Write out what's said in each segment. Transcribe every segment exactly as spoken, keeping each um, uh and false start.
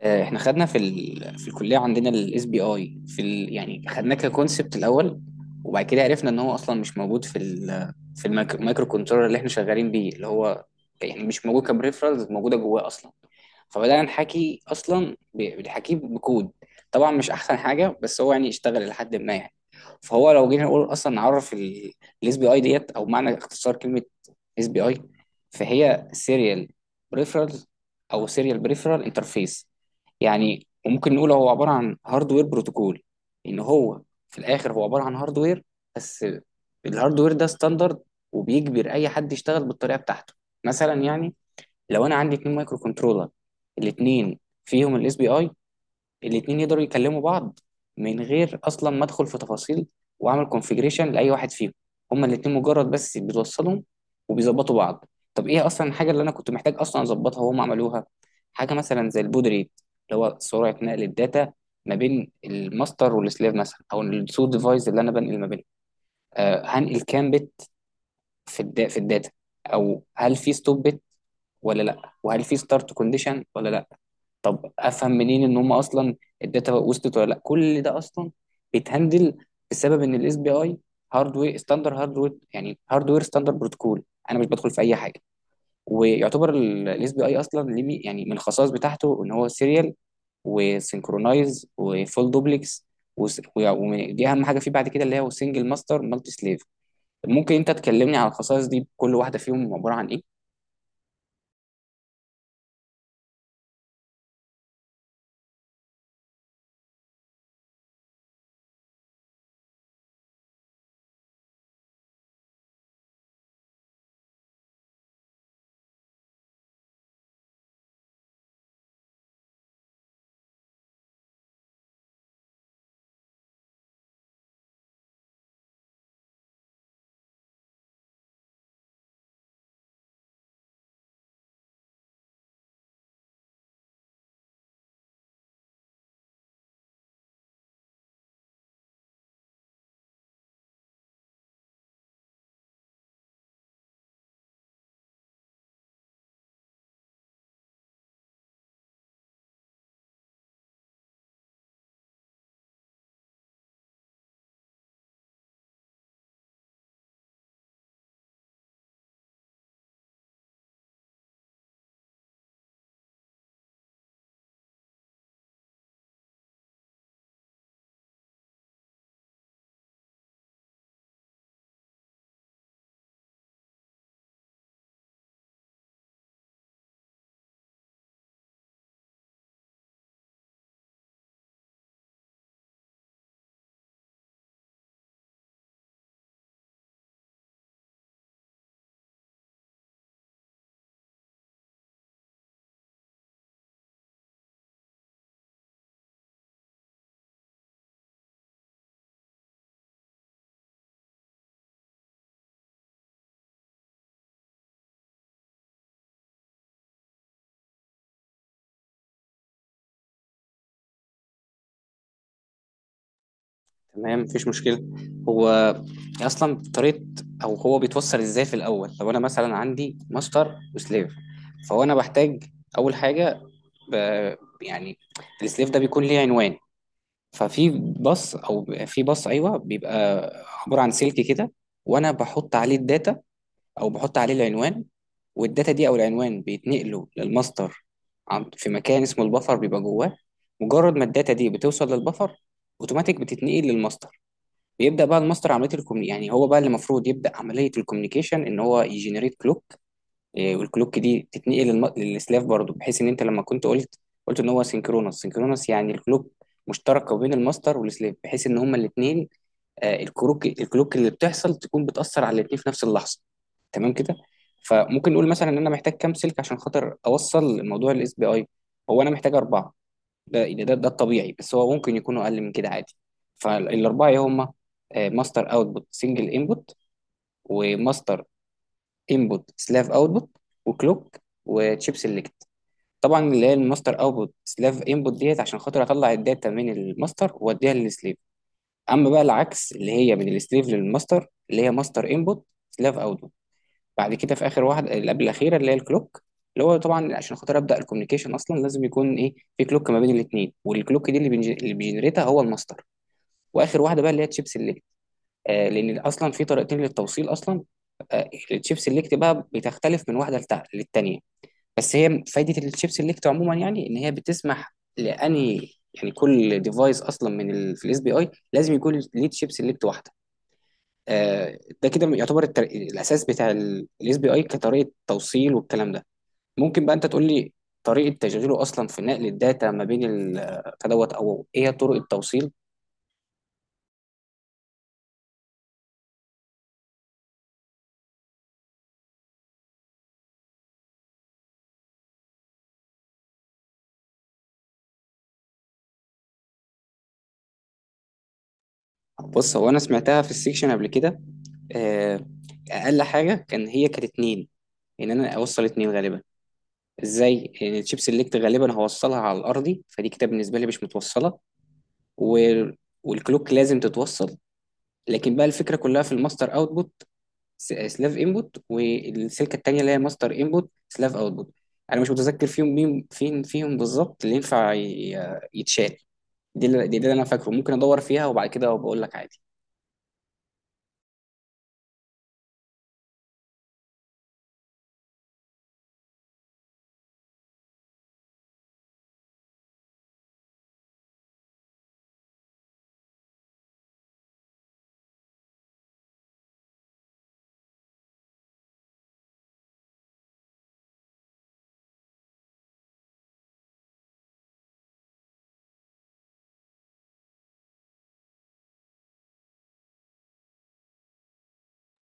آه، احنا خدنا في ال... في الكليه عندنا الاس بي اي في ال... يعني خدناه ككونسبت الاول. وبعد كده عرفنا ان هو اصلا مش موجود في ال... في المايكرو كنترولر اللي احنا شغالين بيه، اللي هو يعني مش موجود كبريفرالز موجوده جواه اصلا. فبدأنا نحكي أصلا ب- بنحكيه بكود. طبعا مش أحسن حاجة، بس هو يعني اشتغل لحد ما، يعني فهو لو جينا نقول أصلا نعرف الاس بي اي ديت، أو معنى اختصار كلمة اس بي اي، فهي سيريال بريفرال، أو سيريال بريفرال انترفيس. يعني وممكن نقول هو عبارة عن هاردوير بروتوكول. إن هو في الآخر هو عبارة عن هاردوير بس. الهاردوير ده ستاندرد وبيجبر أي حد يشتغل بالطريقة بتاعته. مثلا يعني لو انا عندي اتنين مايكرو كنترولر، الاتنين فيهم الاس بي اي، الاتنين يقدروا يكلموا بعض من غير اصلا ما ادخل في تفاصيل واعمل كونفيجريشن لاي واحد فيهم. هما الاتنين مجرد بس بيتوصلوا وبيظبطوا بعض. طب ايه اصلا الحاجه اللي انا كنت محتاج اصلا اظبطها وهم عملوها؟ حاجه مثلا زي البود ريت، اللي هو سرعه نقل الداتا ما بين الماستر والسليف مثلا، او السو ديفايس اللي انا بنقل ما بينهم. آه، هنقل كام بت في الدا في الداتا، او هل في ستوب بت ولا لا، وهل في ستارت كونديشن ولا لا. افهم منين ان هم اصلا الداتا وصلت ولا لا؟ كل ده اصلا بيتهندل بسبب ان الاس بي اي هاردوير ستاندر هاردوير يعني هاردوير ستاندر بروتوكول، انا مش بدخل في اي حاجه. ويعتبر الاس بي اي اصلا ليه مي- يعني من الخصائص بتاعته ان هو سيريال وسينكرونايز وفول دوبلكس، ودي اهم حاجه فيه، بعد كده اللي هي سنجل ماستر مالتي سليف. ممكن انت تكلمني على الخصائص دي كل واحده فيهم عباره عن ايه؟ تمام، مفيش مشكله. هو اصلا طريقه او هو بيتوصل ازاي في الاول، لو انا مثلا عندي ماستر وسليف، فهو انا بحتاج اول حاجه ب... يعني السليف ده بيكون ليه عنوان. ففي باص، او في باص ايوه، بيبقى عباره عن سلك كده، وانا بحط عليه الداتا او بحط عليه العنوان، والداتا دي او العنوان بيتنقلوا للماستر. عن- في مكان اسمه البفر بيبقى جواه. مجرد ما الداتا دي بتوصل للبفر اوتوماتيك بتتنقل للماستر. بيبدا بقى الماستر عمليه الكومني، يعني هو بقى اللي المفروض يبدا عمليه الكوميونيكيشن ان هو يجنريت كلوك. آه، والكلوك دي تتنقل للم- للسلاف برضه، بحيث ان انت لما كنت قلت، قلت ان هو سينكرونس. سينكرونس يعني الكلوك مشتركه بين الماستر والسلاف، بحيث ان هما الاثنين آه، الكروك الكلوك اللي بتحصل تكون بتأثر على الاتنين في نفس اللحظة. تمام كده. فممكن نقول مثلا ان انا محتاج كام سلك عشان خاطر اوصل موضوع الاس بي اي؟ هو انا محتاج اربعه، ده يعني ده ده الطبيعي، بس هو ممكن يكونوا اقل من كده عادي. فالاربعه إيه هما؟ ماستر اوتبوت سنجل انبوت، وماستر انبوت سلاف اوتبوت، وكلوك، وتشيب سيلكت. طبعا اللي هي الماستر اوتبوت سلاف انبوت ديت عشان خاطر اطلع الداتا من الماستر واديها للسليف. اما بقى العكس اللي هي من السليف للماستر اللي هي ماستر انبوت سلاف اوتبوت. بعد كده في اخر واحده، اللي قبل الاخيره اللي هي الكلوك، اللي هو طبعا عشان خاطر ابدا الكوميونيكيشن اصلا لازم يكون ايه في كلوك ما بين الاثنين، والكلوك دي اللي بينج- اللي بيجنريتها هو الماستر. واخر واحده بقى اللي هي تشيب سيلكت. آه، لان اصلا في طريقتين للتوصيل اصلا. آه، التشيب سيلكت بقى بتختلف من واحده لتع- للتانيه. بس هي فايده التشيب سيلكت عموما يعني ان هي بتسمح لاني، يعني كل ديفايس اصلا من ال... في الاس بي اي لازم يكون ليه تشيب سيلكت واحده. آه، ده كده يعتبر التر... الاساس بتاع الاس بي اي كطريقه توصيل والكلام ده. ممكن بقى انت تقول لي طريقه تشغيله اصلا في نقل الداتا ما بين ال- فدوت، او ايه طرق التوصيل؟ بص هو انا سمعتها في السيكشن قبل كده، آه، اقل حاجه كان هي كانت اتنين. ان انا اوصل اتنين غالبا ازاي؟ ان الشيب سيلكت غالبا هوصلها على الارضي، فدي كده بالنسبه لي مش متوصله، و... والكلوك لازم تتوصل. لكن بقى الفكره كلها في الماستر اوتبوت سلاف انبوت والسلكه التانيه اللي هي ماستر انبوت سلاف اوتبوت، انا مش متذكر فيهم مين فين فيهم بالظبط اللي ينفع ي- يتشال. دي اللي, دي اللي انا فاكره، ممكن ادور فيها وبعد كده بقول لك عادي.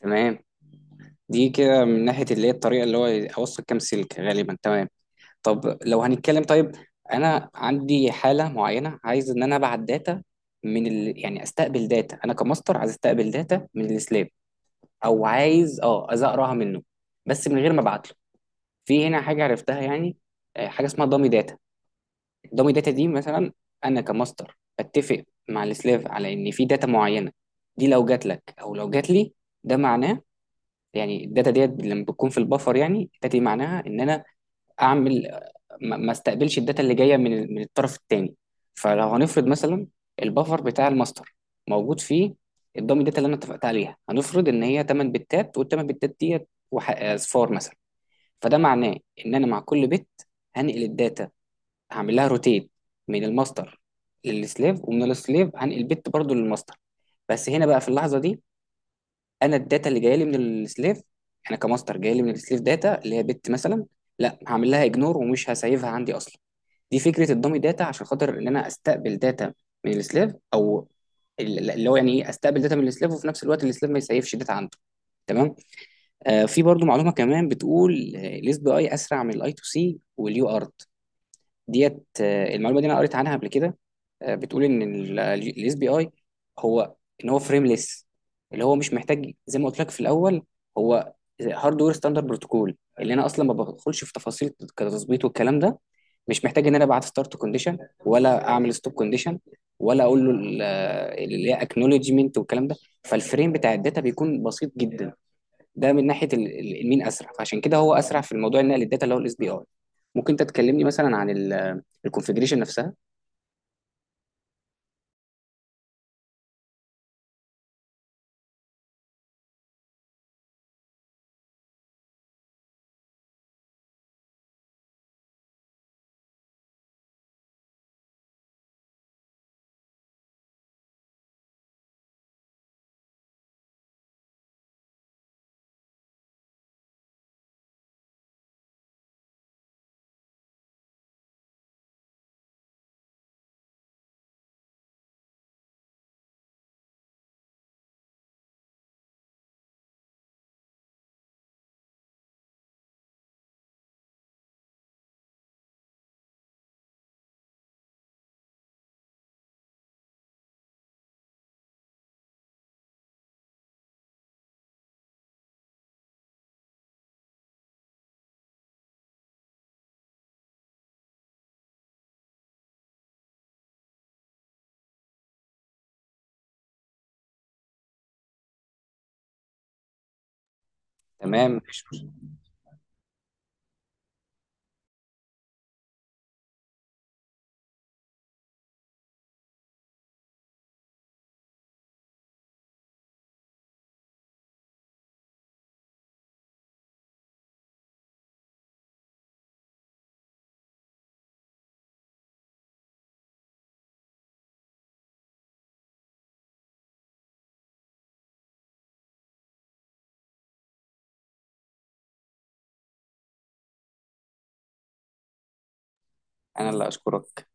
تمام، دي كده من ناحيه اللي هي الطريقه اللي هو اوصل كام سلك غالبا. تمام. طب لو هنتكلم، طيب انا عندي حاله معينه، عايز ان انا ابعت داتا من ال... يعني استقبل داتا، انا كماستر عايز استقبل داتا من السلاب، او عايز اه عايز اقراها منه بس من غير ما ابعت له. في هنا حاجه عرفتها، يعني آه، حاجه اسمها دامي داتا. دامي داتا دي مثلا انا كماستر بتفق مع السلاف على ان في داتا معينه، دي لو جات لك او لو جات لي ده معناه، يعني الداتا ديت لما بتكون في البفر، يعني الداتا دي معناها ان انا اعمل ما ما استقبلش الداتا اللي جايه من ال- من الطرف الثاني. فلو هنفرض مثلا البفر بتاع الماستر موجود فيه الدامي داتا اللي انا اتفقت عليها، هنفرض ان هي ثمانية بتات، وال ثمانية بتات ديت وح- اصفار مثلا. فده معناه ان انا مع كل بت هنقل الداتا، هعمل لها روتيت من الماستر للسليف، ومن السليف هنقل بت برضو للماستر. بس هنا بقى في اللحظه دي انا الداتا اللي جايه لي من السليف، انا كماستر جايه لي من السليف داتا اللي هي بت مثلا، لا هعمل لها اجنور ومش هسيفها عندي اصلا. دي فكره الدامي داتا عشان خاطر ان انا استقبل داتا من السليف، او اللي هو يعني ايه استقبل داتا من السليف، وفي نفس الوقت السليف ما يسيفش داتا عنده. تمام. آه، في برضو معلومه كمان بتقول آه، الاس بي اي اسرع من الاي تو سي واليو ارت ديت. آه، المعلومه دي انا قريت عنها قبل كده. آه، بتقول ان الاس بي اي هو ان هو فريمليس، اللي هو مش محتاج زي ما قلت لك في الاول، هو هاردوير ستاندرد بروتوكول، اللي انا اصلا ما بدخلش في تفاصيل كتظبيط والكلام ده. مش محتاج ان انا ابعت ستارت كونديشن، ولا اعمل ستوب كونديشن، ولا اقول له ال- آه، اللي هي اكنولجمنت والكلام ده. فالفريم بتاع الداتا بيكون بسيط جدا. ده من ناحيه ال- ال- المين اسرع، فعشان كده هو اسرع في الموضوع النقل الداتا اللي هو الاس بي اي. ممكن انت تكلمني مثلا عن الكونفجريشن نفسها؟ تمام، انا اللي اشكرك.